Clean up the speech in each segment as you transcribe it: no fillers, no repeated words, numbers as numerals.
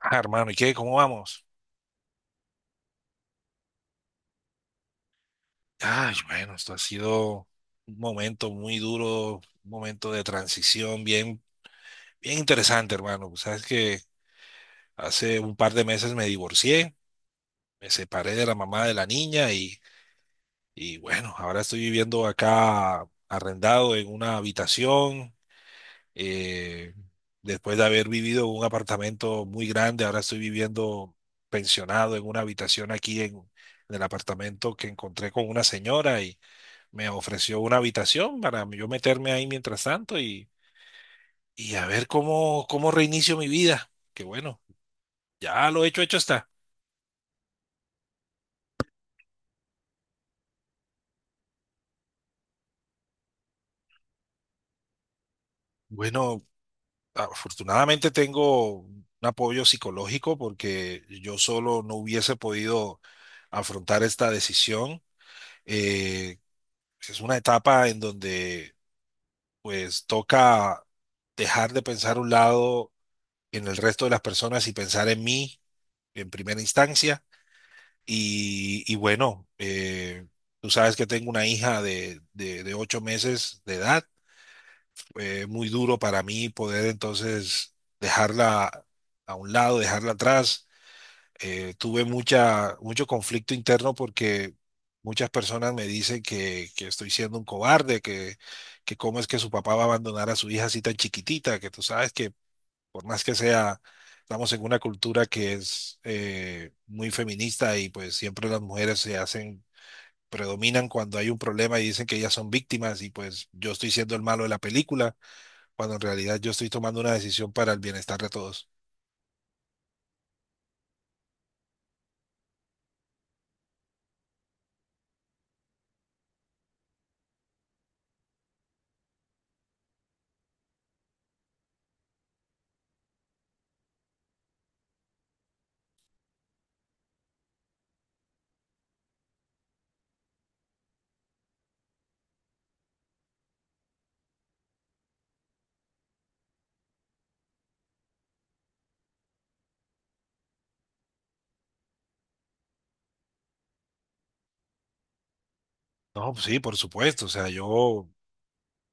Ah, hermano, ¿y qué? ¿Cómo vamos? Ay, bueno, esto ha sido un momento muy duro, un momento de transición bien, bien interesante, hermano. Pues sabes que hace un par de meses me divorcié, me separé de la mamá de la niña y bueno, ahora estoy viviendo acá arrendado en una habitación. eh, Después de haber vivido en un apartamento muy grande, ahora estoy viviendo pensionado en una habitación aquí en el apartamento que encontré con una señora me ofreció una habitación para yo meterme ahí mientras tanto y a ver cómo, cómo reinicio mi vida. Que bueno, ya lo hecho, hecho está. Bueno, afortunadamente tengo un apoyo psicológico porque yo solo no hubiese podido afrontar esta decisión. Eh, es una etapa en donde pues toca dejar de pensar a un lado en el resto de las personas y pensar en mí en primera instancia. Y bueno, tú sabes que tengo una hija de 8 meses de edad. Muy duro para mí poder entonces dejarla a un lado, dejarla atrás. Tuve mucho conflicto interno porque muchas personas me dicen que estoy siendo un cobarde, que cómo es que su papá va a abandonar a su hija así tan chiquitita, que tú sabes que por más que sea, estamos en una cultura que es muy feminista y pues siempre las mujeres se hacen, predominan cuando hay un problema y dicen que ellas son víctimas y pues yo estoy siendo el malo de la película, cuando en realidad yo estoy tomando una decisión para el bienestar de todos. No, pues sí, por supuesto, o sea, yo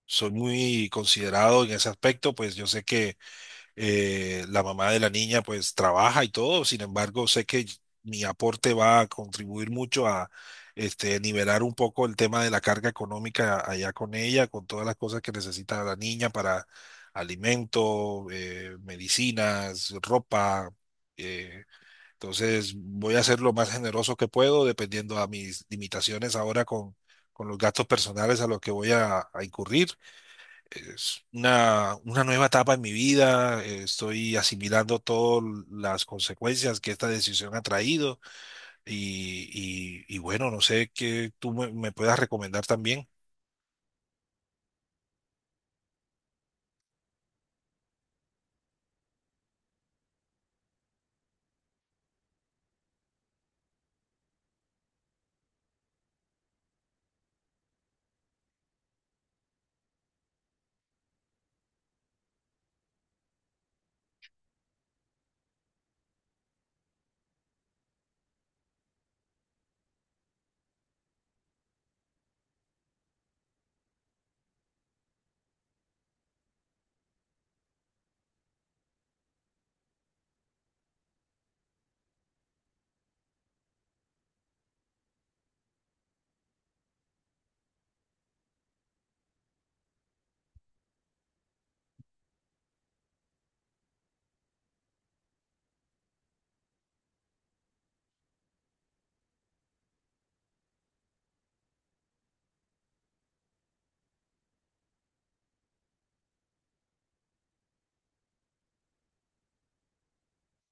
soy muy considerado en ese aspecto, pues yo sé que la mamá de la niña pues trabaja y todo, sin embargo, sé que mi aporte va a contribuir mucho a este, nivelar un poco el tema de la carga económica allá con ella, con todas las cosas que necesita la niña para alimento, medicinas, ropa. eh, entonces voy a ser lo más generoso que puedo, dependiendo a mis limitaciones ahora con los gastos personales a los que voy a incurrir. Es una nueva etapa en mi vida, estoy asimilando todas las consecuencias que esta decisión ha traído y bueno, no sé qué tú me, me puedas recomendar también.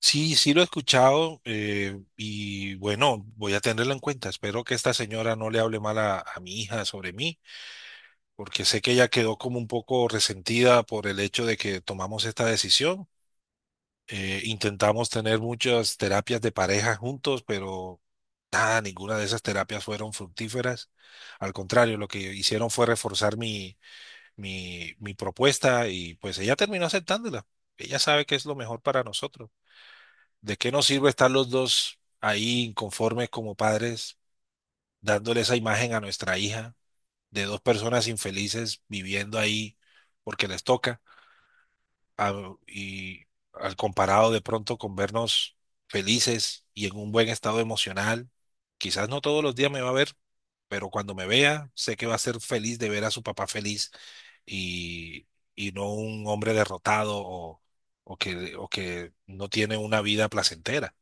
Sí, sí lo he escuchado, y bueno, voy a tenerlo en cuenta. Espero que esta señora no le hable mal a mi hija sobre mí, porque sé que ella quedó como un poco resentida por el hecho de que tomamos esta decisión. Intentamos tener muchas terapias de pareja juntos, pero nada, ninguna de esas terapias fueron fructíferas. Al contrario, lo que hicieron fue reforzar mi propuesta y pues ella terminó aceptándola. Ella sabe que es lo mejor para nosotros. ¿De qué nos sirve estar los dos ahí inconformes como padres, dándole esa imagen a nuestra hija de dos personas infelices viviendo ahí porque les toca? Y al comparado de pronto con vernos felices y en un buen estado emocional, quizás no todos los días me va a ver, pero cuando me vea, sé que va a ser feliz de ver a su papá feliz y, y no un hombre derrotado o, o que no tiene una vida placentera.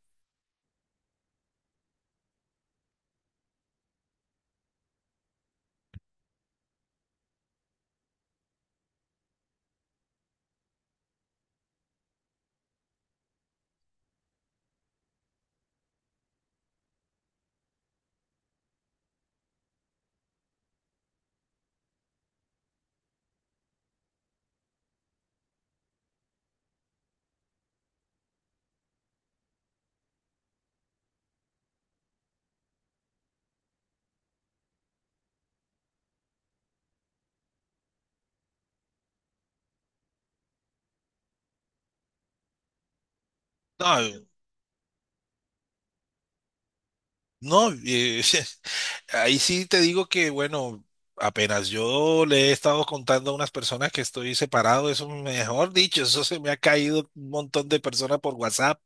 No. No, ahí sí te digo que, bueno, apenas yo le he estado contando a unas personas que estoy separado, eso mejor dicho, eso se me ha caído un montón de personas por WhatsApp.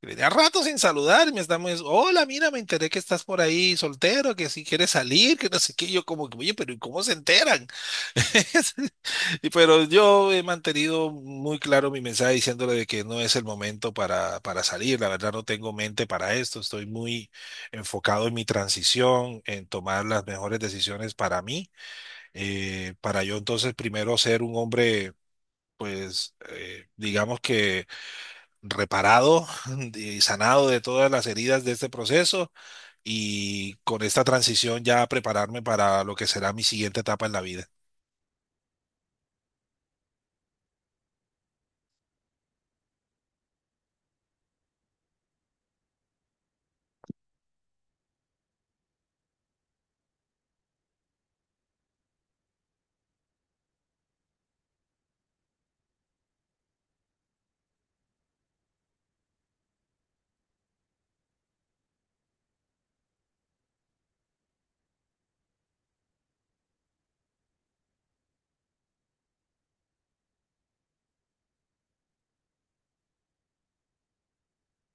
Tenía rato sin saludar, y me estamos, hola, mira, me enteré que estás por ahí soltero, que si quieres salir, que no sé qué. Y yo como, que, oye, pero ¿y cómo se enteran? Y pero yo he mantenido muy claro mi mensaje diciéndole de que no es el momento para salir. La verdad no tengo mente para esto. Estoy muy enfocado en mi transición, en tomar las mejores decisiones para mí, para yo entonces primero ser un hombre, pues, digamos que reparado y sanado de todas las heridas de este proceso y con esta transición ya prepararme para lo que será mi siguiente etapa en la vida.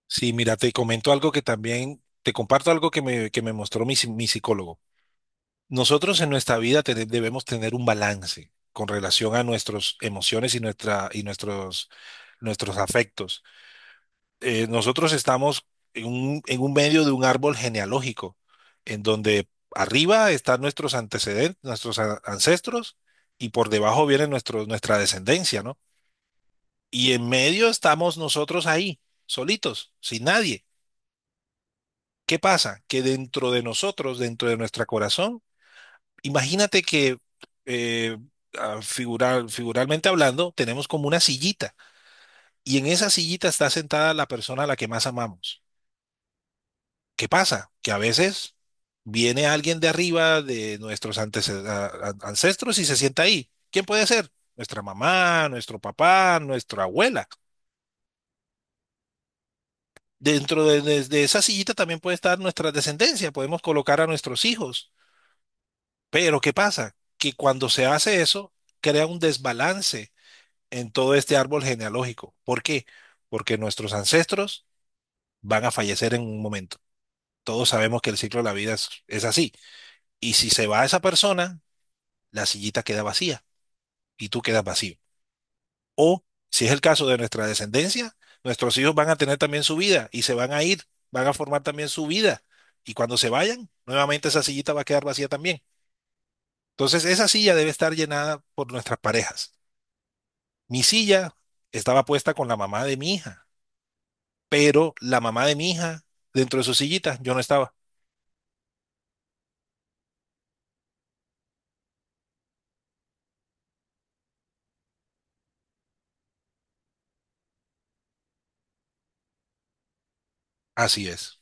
Sí, mira, te comento algo que también, te comparto algo que me mostró mi, mi psicólogo. Nosotros en nuestra vida debemos tener un balance con relación a nuestras emociones y, nuestra, y nuestros, nuestros afectos. Nosotros estamos en un medio de un árbol genealógico, en donde arriba están nuestros antecedentes, nuestros ancestros, y por debajo viene nuestro, nuestra descendencia, ¿no? Y en medio estamos nosotros ahí, solitos, sin nadie. ¿Qué pasa? Que dentro de nosotros, dentro de nuestro corazón, imagínate que eh, ah, figuralmente hablando, tenemos como una sillita y en esa sillita está sentada la persona a la que más amamos. ¿Qué pasa? Que a veces viene alguien de arriba de nuestros ancestros y se sienta ahí. ¿Quién puede ser? Nuestra mamá, nuestro papá, nuestra abuela. Dentro de, de esa sillita también puede estar nuestra descendencia. Podemos colocar a nuestros hijos. Pero ¿qué pasa? Que cuando se hace eso, crea un desbalance en todo este árbol genealógico. ¿Por qué? Porque nuestros ancestros van a fallecer en un momento. Todos sabemos que el ciclo de la vida es así. Y si se va esa persona, la sillita queda vacía y tú quedas vacío. O si es el caso de nuestra descendencia, nuestros hijos van a tener también su vida y se van a ir, van a formar también su vida. Y cuando se vayan, nuevamente esa sillita va a quedar vacía también. Entonces, esa silla debe estar llenada por nuestras parejas. Mi silla estaba puesta con la mamá de mi hija, pero la mamá de mi hija dentro de su sillita, yo no estaba. Así es.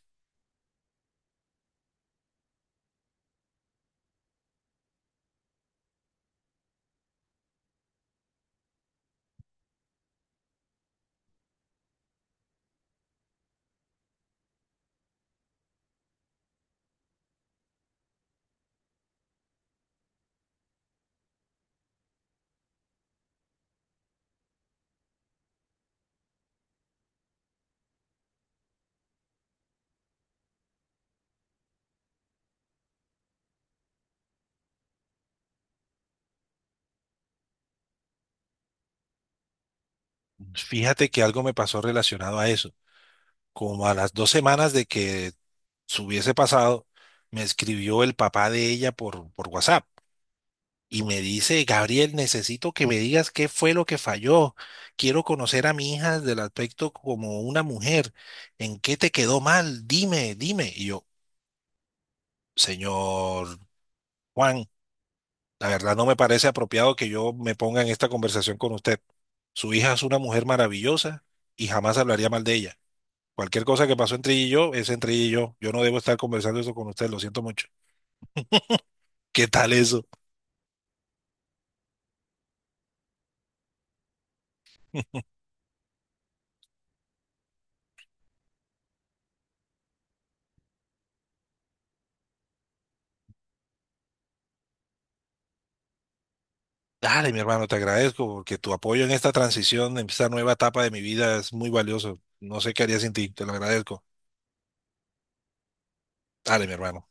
Fíjate que algo me pasó relacionado a eso. Como a las 2 semanas de que se hubiese pasado, me escribió el papá de ella por WhatsApp y me dice, Gabriel, necesito que me digas qué fue lo que falló. Quiero conocer a mi hija del aspecto como una mujer. ¿En qué te quedó mal? Dime, dime. Y yo, señor Juan, la verdad no me parece apropiado que yo me ponga en esta conversación con usted. Su hija es una mujer maravillosa y jamás hablaría mal de ella. Cualquier cosa que pasó entre ella y yo es entre ella y yo. Yo no debo estar conversando eso con usted, lo siento mucho. ¿Qué tal eso? Dale, mi hermano, te agradezco porque tu apoyo en esta transición, en esta nueva etapa de mi vida es muy valioso. No sé qué haría sin ti, te lo agradezco. Dale, mi hermano.